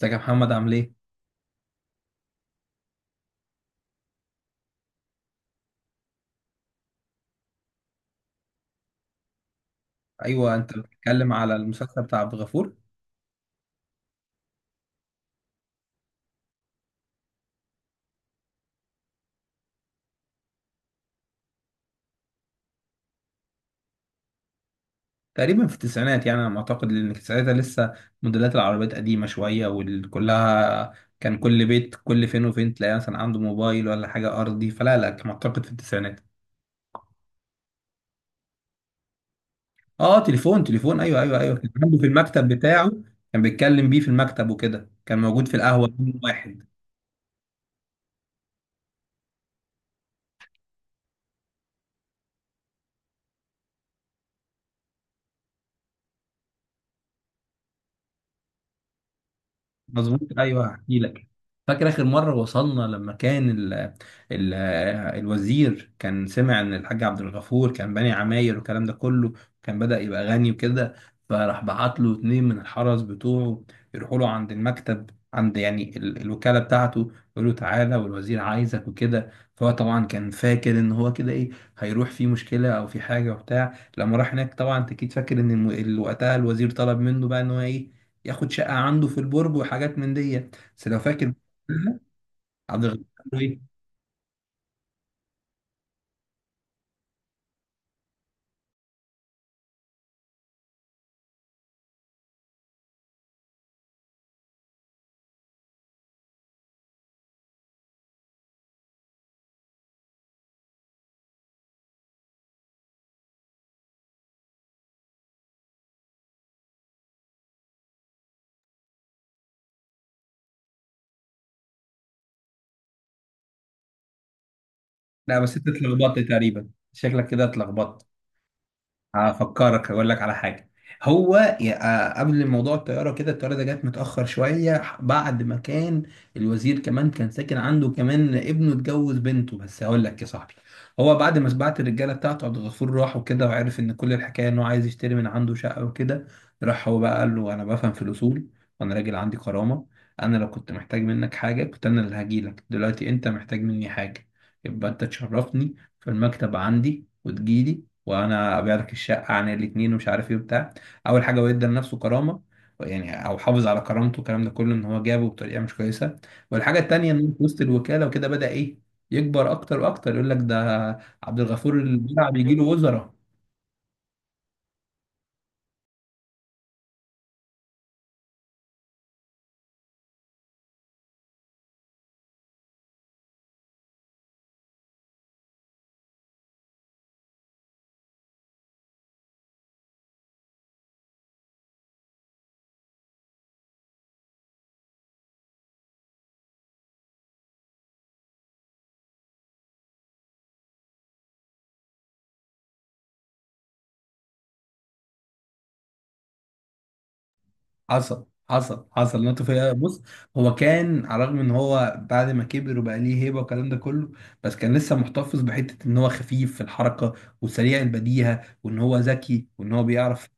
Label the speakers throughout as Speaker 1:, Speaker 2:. Speaker 1: ازيك يا محمد عامل ايه؟ ايوه، انت بتتكلم على المسلسل بتاع عبد الغفور. تقريبا في التسعينات يعني انا معتقد لان ساعتها لسه موديلات العربيات قديمه شويه وكلها. كان كل بيت كل فين وفين تلاقي مثلا عنده موبايل ولا حاجه ارضي، فلا لا كان معتقد في التسعينات. اه، تليفون تليفون ايوه ايوه ايوه، كان عنده في المكتب بتاعه. كان بيتكلم بيه في المكتب وكده، كان موجود في القهوه يوم واحد. مظبوط، ايوه هحكي لك. فاكر آخر مرة وصلنا لما كان ال ال الوزير كان سمع إن الحاج عبد الغفور كان باني عماير والكلام ده كله. كان بدأ يبقى غني وكده. فراح بعت له اتنين من الحرس بتوعه يروحوا له عند المكتب، عند يعني الوكالة بتاعته، يقول له تعالى والوزير عايزك وكده. فهو طبعا كان فاكر إن هو كده إيه، هيروح في مشكلة أو في حاجة وبتاع. لما راح هناك طبعا أنت أكيد فاكر إن وقتها الوزير طلب منه بقى إن هو إيه، ياخد شقة عنده في البرج وحاجات من دي، بس لو فاكر. عبد الغفور الحموي. لا بس انت اتلخبطت تقريبا، شكلك كده اتلخبطت. هفكرك اقول لك على حاجه. هو قبل موضوع الطياره كده، الطياره ده جت متاخر شويه بعد ما كان الوزير كمان كان ساكن عنده، كمان ابنه اتجوز بنته. بس هقول لك يا صاحبي، هو بعد ما بعت الرجاله بتاعته عبد الغفور راح وكده، وعرف ان كل الحكايه انه عايز يشتري من عنده شقه وكده. راح هو بقى قال له انا بفهم في الاصول، وانا راجل عندي كرامه. انا لو كنت محتاج منك حاجه كنت انا اللي هجيلك. دلوقتي انت محتاج مني حاجه، يبقى انت تشرفني في المكتب عندي وتجيلي، وانا ابيع لك الشقه عن الاتنين ومش عارف ايه وبتاع. اول حاجه هو ادى لنفسه كرامه، يعني او حافظ على كرامته والكلام ده كله، ان هو جابه بطريقه مش كويسه. والحاجه التانيه ان هو في وسط الوكاله وكده بدا ايه، يكبر اكتر واكتر. يقول لك ده عبد الغفور البرع بيجي له وزراء. حصل حصل حصل، نط فيها بص. هو كان على الرغم ان هو بعد ما كبر وبقى ليه هيبه والكلام ده كله، بس كان لسه محتفظ بحته ان هو خفيف في الحركه، وسريع البديهه، وان هو ذكي وان هو بيعرف.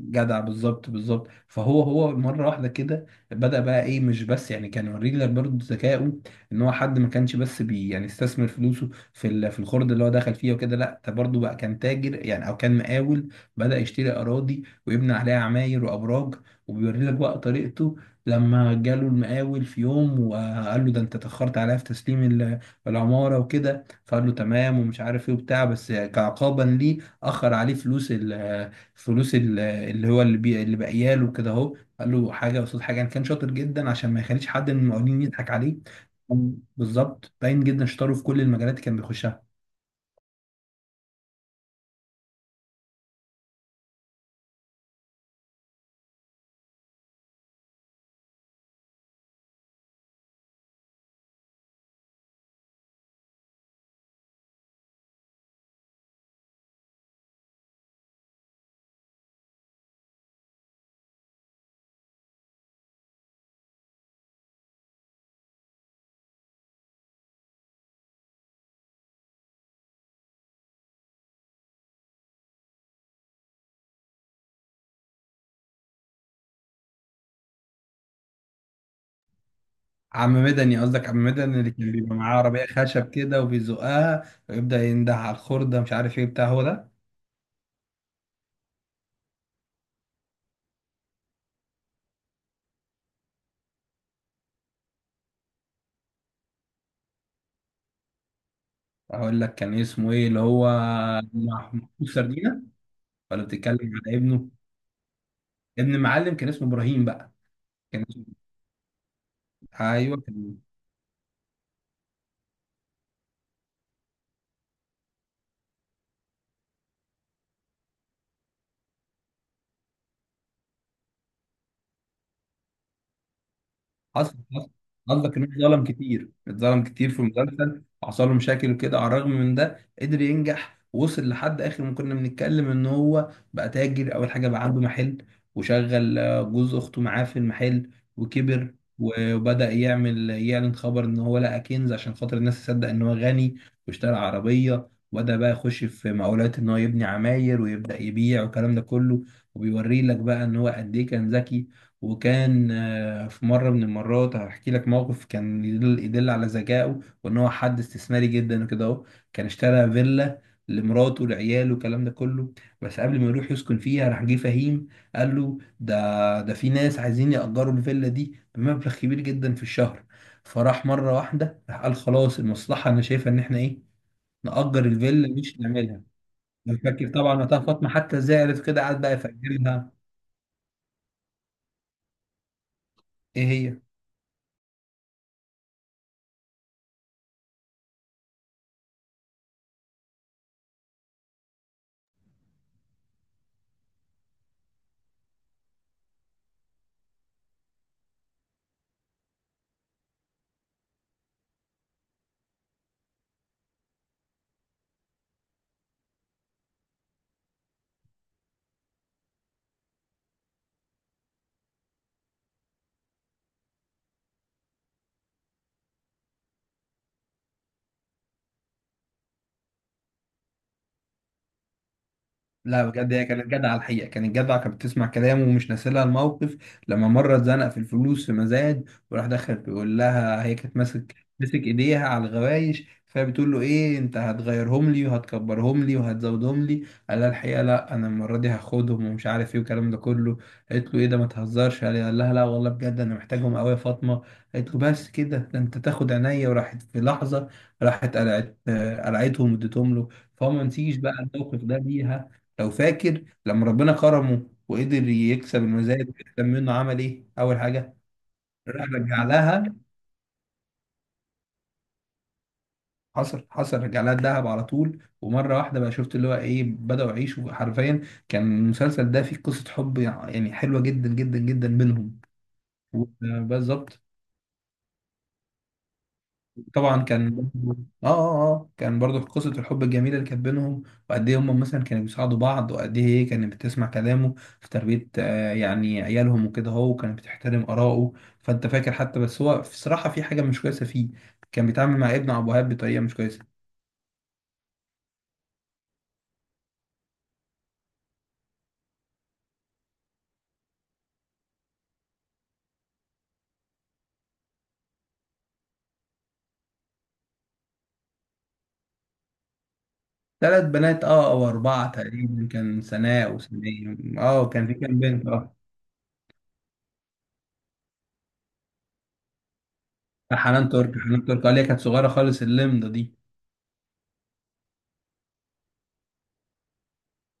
Speaker 1: جدع بالظبط بالظبط. فهو مره واحده كده بدأ بقى ايه، مش بس يعني كان يوريك لك برضه ذكائه، ان هو حد ما كانش بس يعني استثمر فلوسه في في الخرد اللي هو دخل فيها وكده، لا ده برضه بقى كان تاجر يعني او كان مقاول. بدأ يشتري اراضي ويبني عليها عماير وابراج، وبيوري لك بقى طريقته. لما جاله المقاول في يوم وقال له ده انت اتأخرت عليا في تسليم العمارة وكده، فقال له تمام ومش عارف ايه وبتاع، بس كعقابا ليه أخر عليه فلوس. اللي هو اللي بي اللي باقيه له كده اهو، قال له حاجه قصاد حاجه، يعني كان شاطر جدا عشان ما يخليش حد من المقاولين يضحك عليه. بالظبط، باين جدا شطاره في كل المجالات اللي كان بيخشها. عم مدني؟ قصدك عم مدني اللي كان بيبقى معاه عربيه خشب كده وبيزقها ويبدا ينده على الخرده، مش عارف ايه بتاع هو ده. اقول لك كان اسمه ايه اللي هو، محمود سردينه. ولا بتتكلم على ابنه، ابن معلم كان اسمه ابراهيم بقى، كان اسمه. ايوه، حصل حصل. قصدك انه اتظلم كتير، اتظلم كتير في المسلسل، حصل له مشاكل وكده. على الرغم من ده قدر ينجح، وصل لحد اخر ما كنا بنتكلم ان هو بقى تاجر. اول حاجه بقى عنده محل وشغل جوز اخته معاه في المحل. وكبر وبدأ يعمل يعلن خبر ان هو لقى كنز عشان خاطر الناس تصدق ان هو غني. واشترى عربيه وبدأ بقى يخش في مقاولات ان هو يبني عماير ويبدأ يبيع والكلام ده كله. وبيوري لك بقى ان هو قد ايه كان ذكي. وكان في مرة من المرات هحكي لك موقف كان يدل على ذكائه وان هو حد استثماري جدا وكده اهو. كان اشترى فيلا لمراته ولعياله والكلام ده كله، بس قبل ما يروح يسكن فيها راح جه فهيم قال له ده في ناس عايزين يأجروا الفيلا دي بمبلغ كبير جدا في الشهر. فراح مرة واحدة راح قال خلاص، المصلحة انا شايفة ان احنا ايه، نأجر الفيلا مش نعملها. أنا فاكر طبعا وقتها فاطمة حتى زعلت كده، قعد بقى يفكرها. ايه هي؟ لا بجد هي كانت جدعة الحقيقة، كانت جدعة، كانت بتسمع كلامه ومش ناسيلها الموقف. لما مرة اتزنق في الفلوس في مزاد وراح دخل بيقول لها، هي كانت مسك ايديها على الغوايش، فهي بتقول له ايه، انت هتغيرهم لي وهتكبرهم لي وهتزودهم لي؟ قال لها الحقيقة لا، انا المرة دي هاخدهم ومش عارف ايه والكلام ده كله. قالت له ايه ده، ما تهزرش. قال لها لا والله بجد انا محتاجهم قوي يا فاطمة. قالت له بس كده؟ ده انت تاخد عينيا، وراحت في لحظة. راحت قلعتهم واديتهم له. فهو ما نسيش بقى الموقف ده ليها. لو فاكر لما ربنا كرمه وقدر يكسب الميزان ويحسن منه، عمل ايه اول حاجه؟ راح رجع لها، حصل حصل، رجع لها الذهب على طول. ومره واحده بقى شفت اللي هو ايه، بداوا يعيشوا حرفيا. كان المسلسل ده فيه قصه حب يعني حلوه جدا جدا جدا بينهم. بالظبط. طبعا. كان برضو- اه اه اه كان برضو قصة الحب الجميلة اللي كانت بينهم، وقد ايه هم مثلا كانوا بيساعدوا بعض، وقد ايه هي كانت بتسمع كلامه في تربية يعني عيالهم وكده هو، وكانت بتحترم آراءه. فانت فاكر حتى، بس هو بصراحة في حاجة مش كويسة فيه. كان بيتعامل مع ابن أبو وهاب بطريقة مش كويسة. ثلاث بنات، او اربعة تقريبا. كان سناء وسناء. اه كان في كام بنت اه. حنان ترك حنان ترك، اللي هي كانت صغيرة خالص اللمدة دي.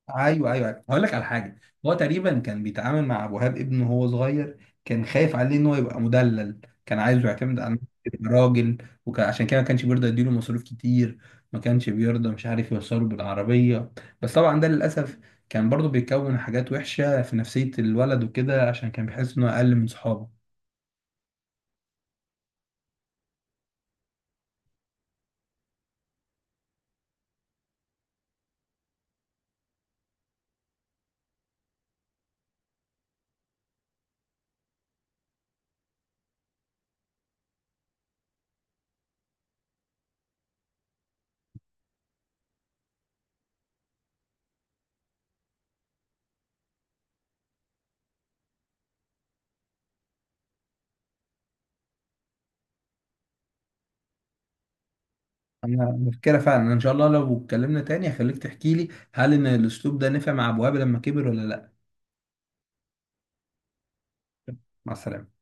Speaker 1: ايوه ايوه أيوة. هقول لك على حاجه. هو تقريبا كان بيتعامل مع ابو وهاب ابنه وهو صغير، كان خايف عليه ان هو يبقى مدلل، كان عايزه يعتمد على نفسه يبقى راجل. وعشان كده ما كانش بيرضى يديله مصروف كتير، ما كانش بيرضى مش عارف يوصله بالعربيه. بس طبعا ده للاسف كان برضه بيكون حاجات وحشه في نفسيه الولد وكده، عشان كان بيحس انه اقل من صحابه. انا مفكره فعلا. أنا ان شاء الله لو اتكلمنا تاني هخليك تحكي لي، هل ان الاسلوب ده نفع مع ابو وهاب لما كبر ولا لا. مع السلامه.